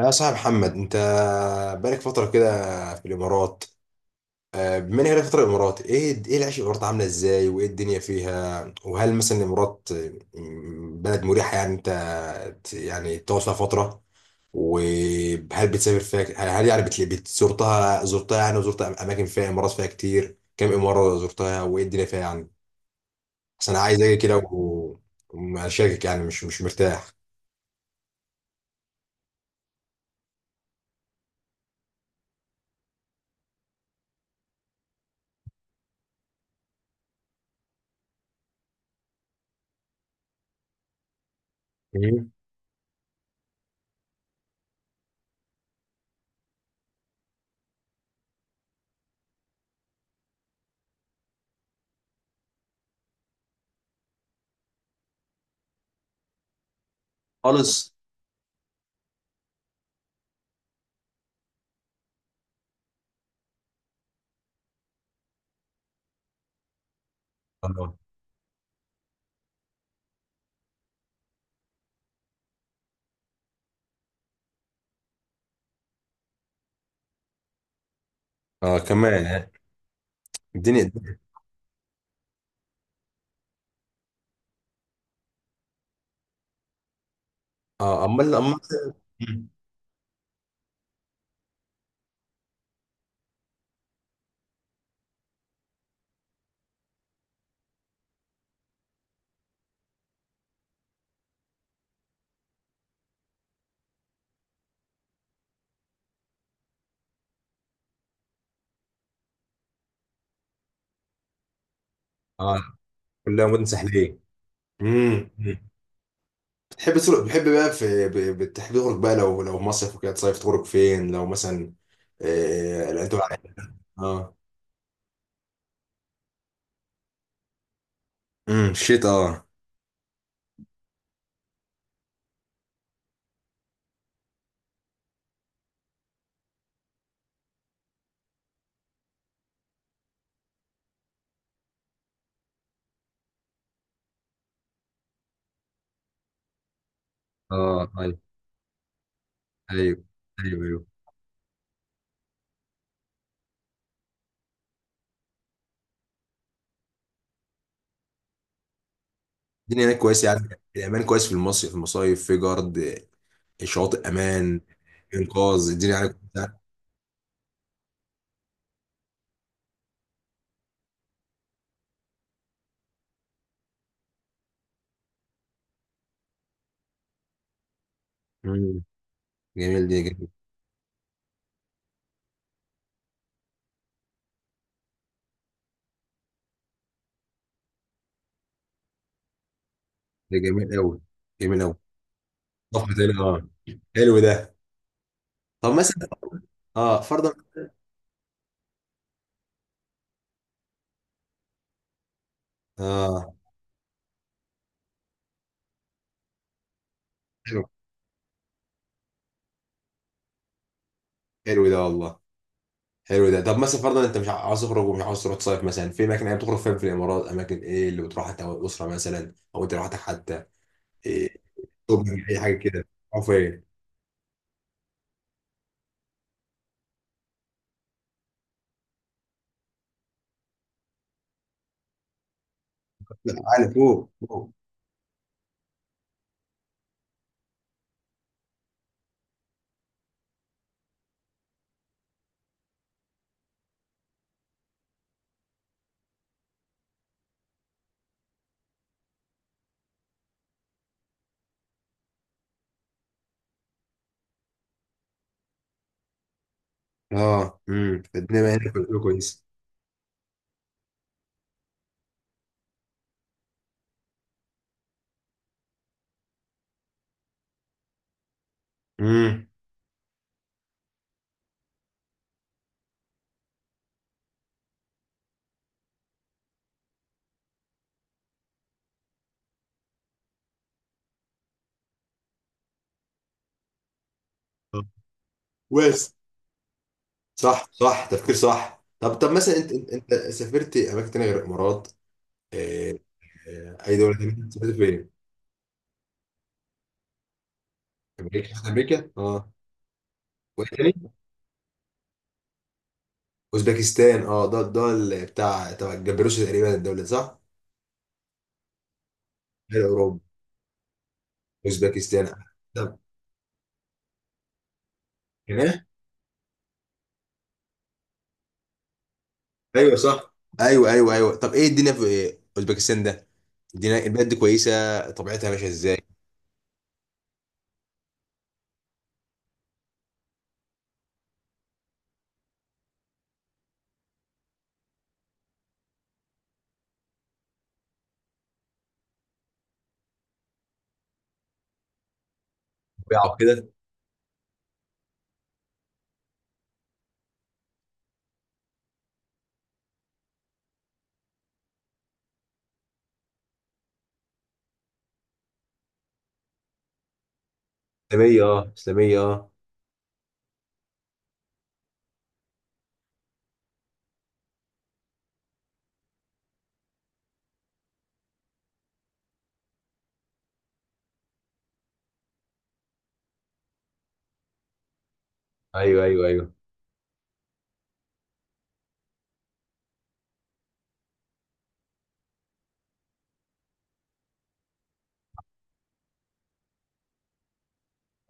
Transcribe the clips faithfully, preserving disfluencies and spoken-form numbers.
يا صاحب محمد، انت بقالك فترة كده في الامارات. آه، بما انك بقالك فترة في الامارات، ايه ايه العيش في الامارات عاملة ازاي، وايه الدنيا فيها؟ وهل مثلا الامارات م- بلد مريحة؟ يعني انت ت- يعني تقعد فيها فترة؟ وهل بتسافر فيها ك- هل يعني بت- بت- زرتها؟ زرتها يعني، وزرت أم- اماكن فيها؟ امارات فيها كتير، كم امارة زرتها، وايه الدنيا فيها يعني؟ بس انا عايز اجي كده و- واشاركك، يعني مش مش مرتاح. مم. خالص. اه. آه، كمان يعني. الدنيا. اه، امال امال. مم. اه. كلها مدن ساحليه. امم مم. بتحب تخرج بتحب بقى في ب- بتحب تخرج بقى لو لو مصيف وكده تصيف تخرج فين لو مثلا؟ آه، لا، انت بقى- اه. امم الشتاء، اه. اه، ايوه ايوه ايوه ايوه. الدنيا هناك كويسه يعني، الامان كويس في المصيف، في المصايف، في جارد؟ آه، شواطئ امان؟ انقاذ الدنيا هناك كويسة. مم. جميل، دي جميل. ده جميل قوي، جميل قوي. طب تاني، اه. حلو ده. طب مثلا. اه، فرضا. اه. حلو. حلو ده والله. حلو ده. طب مثلا فرضا انت مش عاوز تخرج، ومش عاوز تروح تصيف مثلا في اماكن، يعني بتخرج فين في الامارات؟ اماكن ايه اللي بتروحها انت والاسره مثلا، او انت لوحدك حتى؟ إيه؟ شوبينج، اي حاجه كده؟ او فين؟ لا، عالي فوق فوق. اه، امم الدنيا هنا في الأول كويس. امم كويس. صح، صح تفكير، صح. طب، طب مثلا انت، انت, انت سافرت اماكن تانية غير الامارات؟ إيه؟ إيه، اي دوله تانية سافرت؟ فين؟ امريكا، امريكا، اه. اوزبكستان، اه. ده ده ال- بتاع تبع الجبروسي تقريبا الدوله دي، صح؟ غير اوروبا؟ اوزبكستان. طب. هنا ايوه صح. ايوه ايوه ايوه. طب ايه الدنيا في إيه؟ اوزبكستان ده؟ الدنيا البلد دي كويسه؟ طبيعتها ماشيه ازاي؟ طبيعه كده. اسلاميه اه، اسلاميه اه. ايوه ايوه ايوه.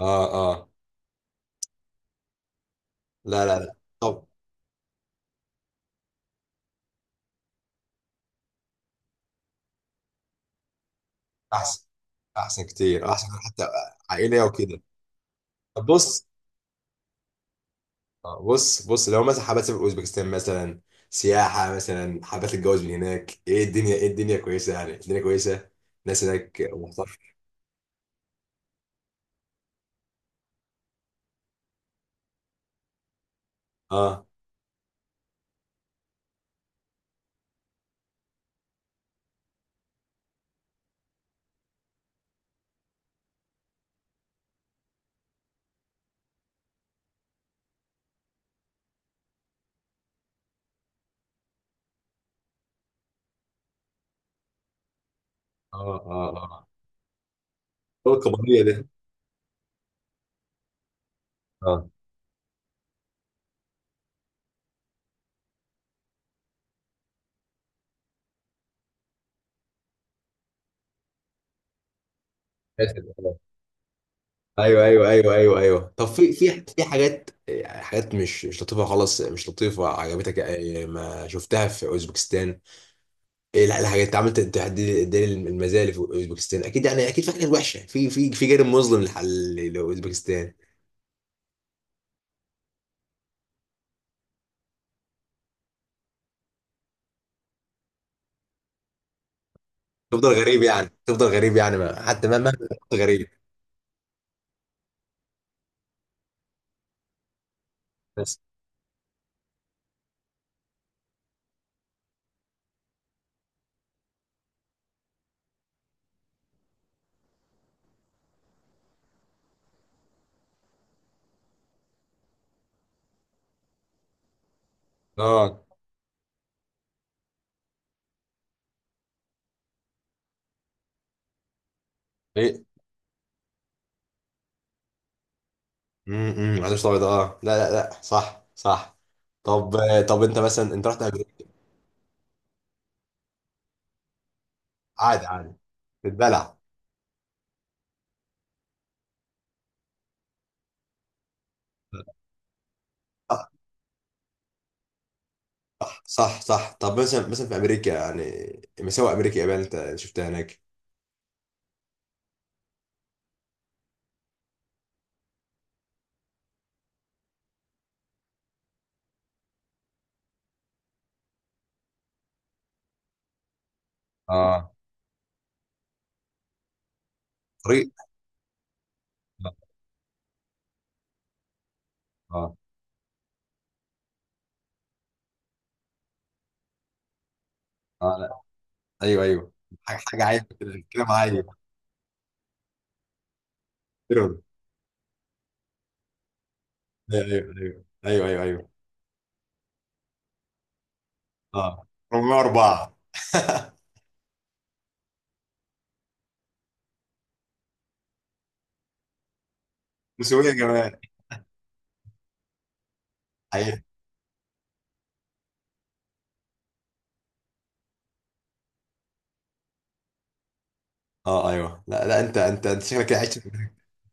اه، اه. لا، لا، لا. طب. احسن. احسن كتير، احسن حتى. عائليه وكده. طب بص. آه، بص بص لو مثلا حابة تسافر اوزبكستان مثلا سياحة، مثلا حابة تتجوز من هناك، ايه الدنيا ايه الدنيا كويسة يعني؟ الدنيا كويسة؟ الناس هناك محترمة؟ اه، اه، اه. اه. هو القبلية ده. اه. آسف. آه. ايوه ايوه ايوه ايوه ايوه. طب، في في في حاجات يعني، حاجات مش مش لطيفة خالص، مش لطيفة عجبتك آه، ما شفتها في اوزبكستان؟ ايه، لا، الحاجات انت عملت تحدي دي المزايا اللي في اوزبكستان، اكيد يعني، اكيد في حاجات وحشة، في في في جانب مظلم لحل لاوزبكستان. تفضل غريب يعني، تفضل غريب يعني، ما. حتى ما ما. غريب. بس. اه. ايه. امم عدوش ابيض، اه. لا، لا، لا. صح صح. طب، آه، طب انت مثلا، انت رحت امريكا. عادي، عادي. بتبلع. صح، صح، صح. طب مثلا، مثلا في امريكا يعني، مساوئ امريكا يابان انت شفتها هناك؟ اه. طريق. اه. اه. آه، لا. ايوه، ايوه. حاجه، حاجه عايزه كده، كده معايا. ايوه ايوه ايوه ايوه ايوه ايوه. اه، اربعة صفر اربعة مسويه كمان. اه، ايوه. لا، لا، انت انت انت شكلك كده عشت.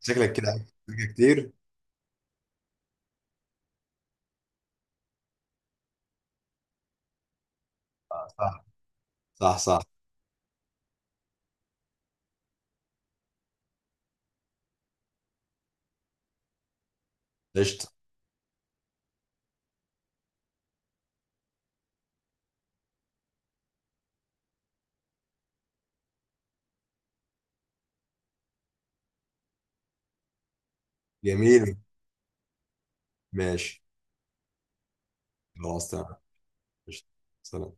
شكلك كده عشت أمريكا كتير. آه، صح. صح، صح. قشطة. جميل. ماشي. خلاص، تمام. قشطة. سلام.